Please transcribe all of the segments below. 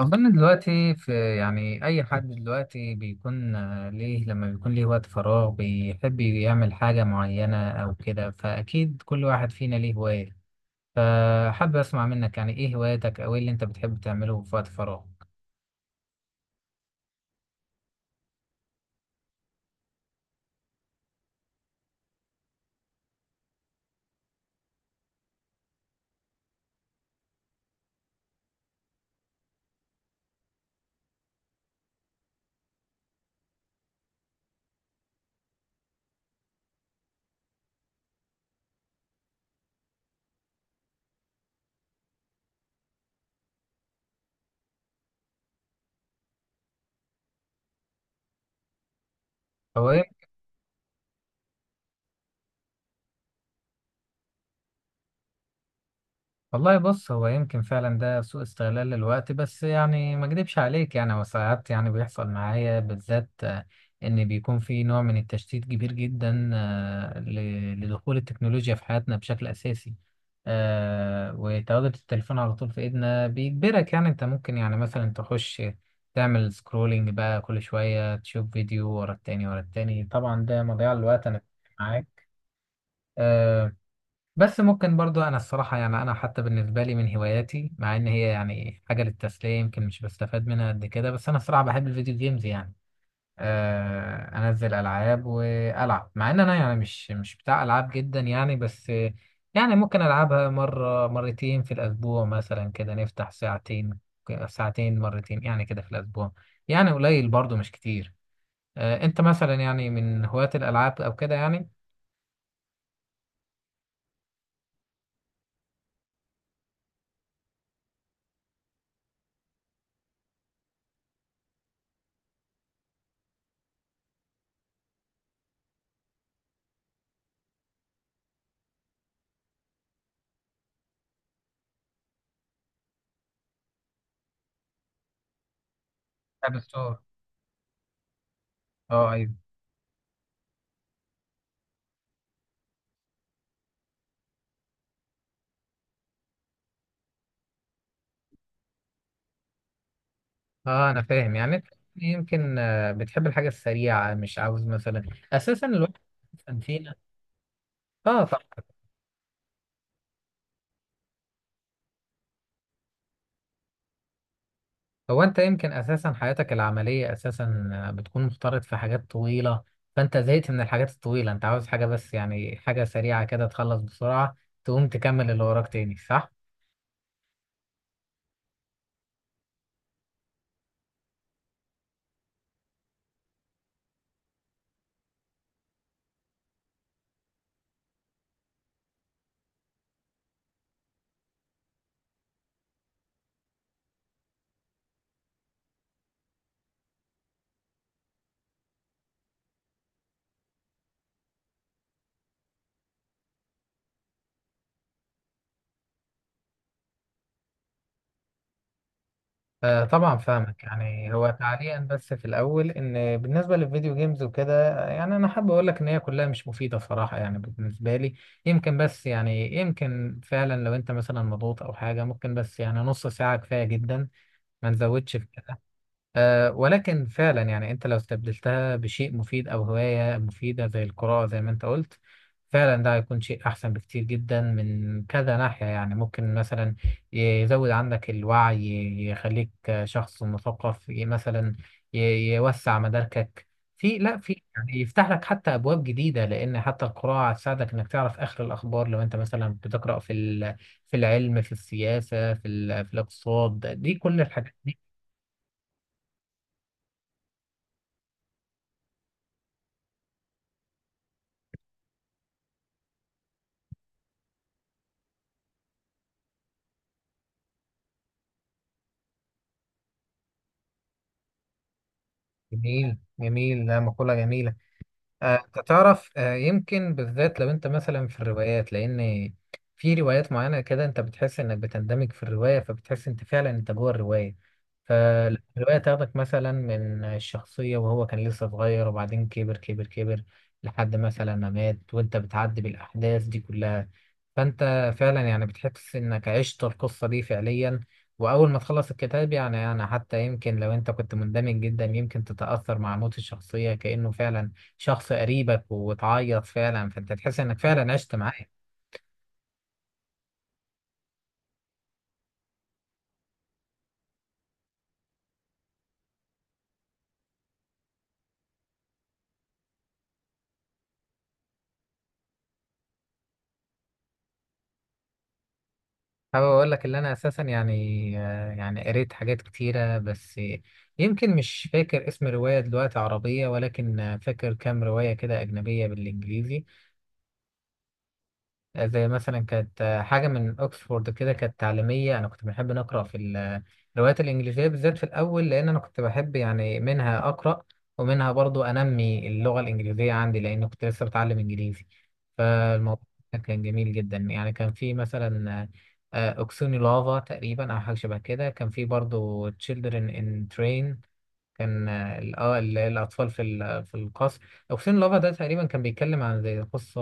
أظن دلوقتي في يعني أي حد دلوقتي بيكون ليه لما بيكون ليه وقت فراغ بيحب يعمل حاجة معينة أو كده، فأكيد كل واحد فينا ليه هواية. فحابب أسمع منك يعني إيه هواياتك أو إيه اللي أنت بتحب تعمله في وقت فراغك؟ أو إيه. والله بص، هو يمكن فعلا ده سوء استغلال للوقت، بس يعني ما اكدبش عليك يعني هو ساعات يعني بيحصل معايا بالذات، ان بيكون في نوع من التشتيت كبير جدا، لدخول التكنولوجيا في حياتنا بشكل اساسي. وتواجد التليفون على طول في ايدنا بيجبرك، يعني انت ممكن يعني مثلا تخش تعمل سكرولينج بقى كل شوية، تشوف فيديو ورا التاني ورا التاني. طبعا ده مضيعة للوقت، انا معاك. آه، بس ممكن برضو انا الصراحة يعني انا حتى بالنسبة لي من هواياتي، مع ان هي يعني حاجة للتسلية يمكن مش بستفاد منها قد كده، بس انا الصراحة بحب الفيديو جيمز يعني. آه انزل العاب والعب، مع ان انا يعني مش بتاع العاب جدا يعني، بس يعني ممكن العبها مرة مرتين في الاسبوع مثلا، كده نفتح ساعتين، ساعتين مرتين يعني كده في الاسبوع. يعني قليل برضو مش كتير. آه انت مثلا يعني من هواة الالعاب او كده يعني. لعب ستور. اه اه، انا فاهم. يعني انت يمكن بتحب الحاجه السريعه، مش عاوز مثلا اساسا الوقت فينا. اه طب، هو انت يمكن اساسا حياتك العمليه اساسا بتكون مختلط في حاجات طويله، فانت زهقت من الحاجات الطويله، انت عاوز حاجه بس يعني حاجه سريعه كده تخلص بسرعه، تقوم تكمل اللي وراك تاني، صح. آه طبعا فاهمك. يعني هو تعليقا بس في الاول، ان بالنسبه للفيديو جيمز وكده يعني انا حابب اقول لك ان هي كلها مش مفيده صراحه يعني بالنسبه لي. يمكن بس يعني يمكن فعلا لو انت مثلا مضغوط او حاجه، ممكن بس يعني نص ساعه كفايه جدا، ما نزودش في كده. ولكن فعلا يعني انت لو استبدلتها بشيء مفيد او هواية مفيدة زي القراءة زي ما انت قلت، فعلا ده هيكون شيء احسن بكتير جدا من كذا ناحية. يعني ممكن مثلا يزود عندك الوعي، يخليك شخص مثقف، مثلا يوسع مداركك، في لا في يعني يفتح لك حتى ابواب جديدة، لان حتى القراءة هتساعدك انك تعرف اخر الاخبار، لو انت مثلا بتقرأ في العلم، في السياسة، في الاقتصاد. دي كل الحاجات. جميل جميل، لا مقولة جميلة. انت تعرف يمكن بالذات لو انت مثلا في الروايات، لان في روايات معينه كده انت بتحس انك بتندمج في الروايه، فبتحس انت فعلا انت جوه الروايه. فالروايه تاخدك مثلا من الشخصيه وهو كان لسه صغير، وبعدين كبر كبر كبر لحد مثلا ما مات، وانت بتعدي بالاحداث دي كلها، فانت فعلا يعني بتحس انك عشت القصه دي فعليا. واول ما تخلص الكتاب يعني انا حتى يمكن لو انت كنت مندمج جدا، يمكن تتاثر مع موت الشخصيه كانه فعلا شخص قريبك، وتعيط فعلا، فانت تحس انك فعلا عشت معاه. حابب اقول لك ان انا اساسا يعني يعني قريت حاجات كتيره، بس يمكن مش فاكر اسم روايه دلوقتي عربيه، ولكن فاكر كام روايه كده اجنبيه بالانجليزي. زي مثلا كانت حاجة من أكسفورد كده، كانت تعليمية. أنا كنت بحب نقرأ الروايات الإنجليزية بالذات في الأول، لأن أنا كنت بحب يعني منها أقرأ، ومنها برضو أنمي اللغة الإنجليزية عندي، لأن كنت لسه بتعلم إنجليزي. فالموضوع كان جميل جدا يعني. كان في مثلا أوكسوني لافا تقريبا أو حاجة شبه كده، كان في برضو Children in Train، كان اه الاطفال في القصر. اوكسين لافا ده تقريبا كان بيتكلم عن زي قصه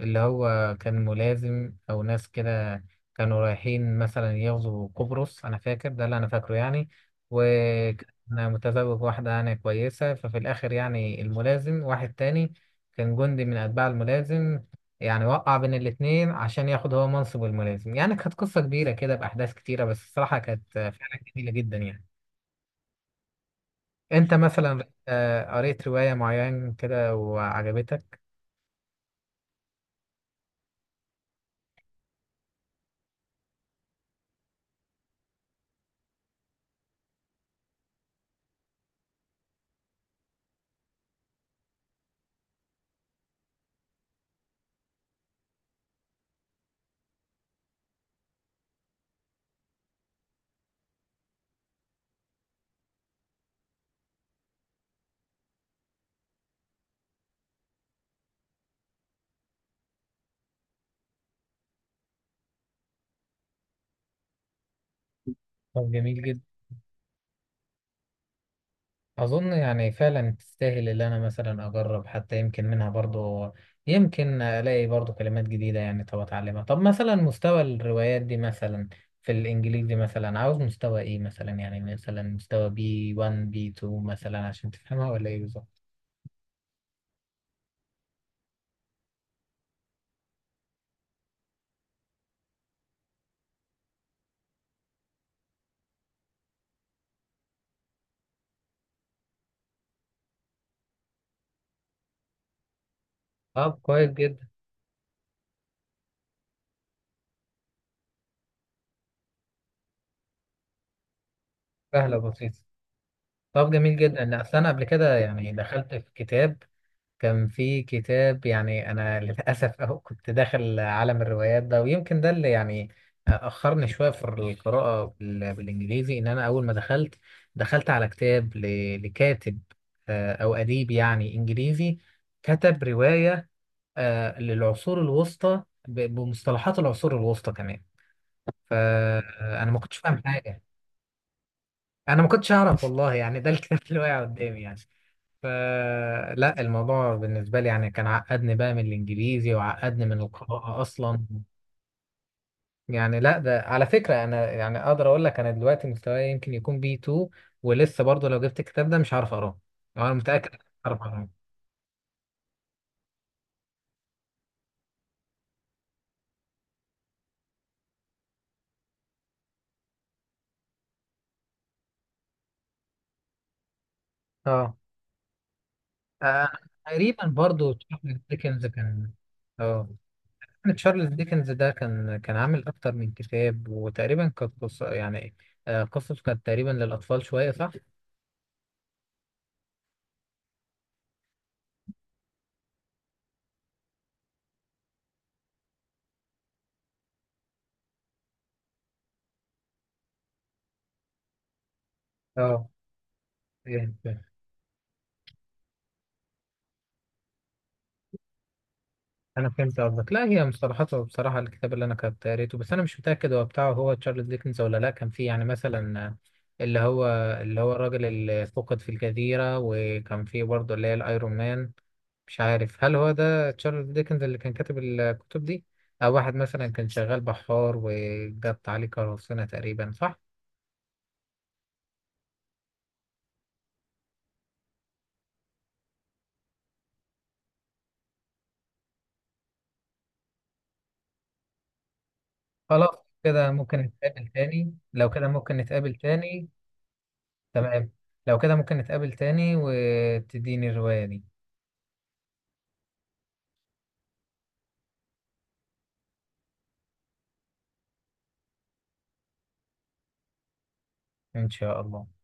اللي هو كان ملازم او ناس كده، كانوا رايحين مثلا يغزوا قبرص، انا فاكر ده اللي انا فاكره يعني. وكان متزوج واحده يعني كويسه، ففي الاخر يعني الملازم واحد تاني كان جندي من اتباع الملازم يعني وقع بين الاتنين عشان ياخد هو منصب الملازم. يعني كانت قصه كبيره كده باحداث كتيره، بس الصراحه كانت فعلا جميله جدا يعني. انت مثلا قريت رواية معينة كده وعجبتك؟ طب جميل جدا. اظن يعني فعلا تستاهل، اللي انا مثلا اجرب حتى يمكن منها برضو، يمكن الاقي برضو كلمات جديدة يعني طب اتعلمها. طب مثلا مستوى الروايات دي مثلا في الانجليزي مثلا عاوز مستوى ايه؟ مثلا يعني مثلا مستوى بي 1 بي 2 مثلا عشان تفهمها، ولا ايه بالظبط؟ طب كويس جدا. سهلة بسيطة. طب جميل جدا. لا أصل انا قبل كده يعني دخلت في كتاب، كان في كتاب يعني أنا للأسف أهو كنت داخل عالم الروايات ده، ويمكن ده اللي يعني أخرني شوية في القراءة بالإنجليزي. إن أنا أول ما دخلت، دخلت على كتاب لكاتب أو أديب يعني إنجليزي، كتب رواية للعصور الوسطى، بمصطلحات العصور الوسطى كمان. فأنا ما كنتش فاهم حاجة. أنا ما كنتش أعرف والله يعني، ده الكتاب اللي واقع قدامي يعني. فلا، الموضوع بالنسبة لي يعني كان عقدني بقى من الإنجليزي، وعقدني من القراءة أصلا. يعني لا، ده على فكرة أنا يعني أقدر أقول لك أنا دلوقتي مستواي يمكن يكون بي 2، ولسه برضه لو جبت الكتاب ده مش هعرف أقراه، أنا متأكد مش هعرف أقراه. أه. آه، تقريبا برضه تشارلز ديكنز كان. أه تشارلز ديكنز ده كان عامل أكتر من كتاب، وتقريبا كانت قصة يعني قصته كانت تقريبا للأطفال شوية، صح؟ أه انا فهمت قصدك. لا هي مصطلحاته، بصراحه الكتاب اللي انا كنت قريته، بس انا مش متاكد هو بتاعه هو تشارلز ديكنز ولا لا، كان فيه يعني مثلا اللي هو اللي هو الراجل اللي فقد في الجزيره، وكان فيه برضه اللي هي الايرون مان. مش عارف هل هو ده تشارلز ديكنز اللي كان كاتب الكتب دي، او واحد مثلا كان شغال بحار وجت عليه قراصنه تقريبا، صح؟ خلاص. كده ممكن نتقابل تاني، لو كده ممكن نتقابل تاني. تمام. لو كده ممكن نتقابل تاني وتديني الروايه دي. ان شاء الله.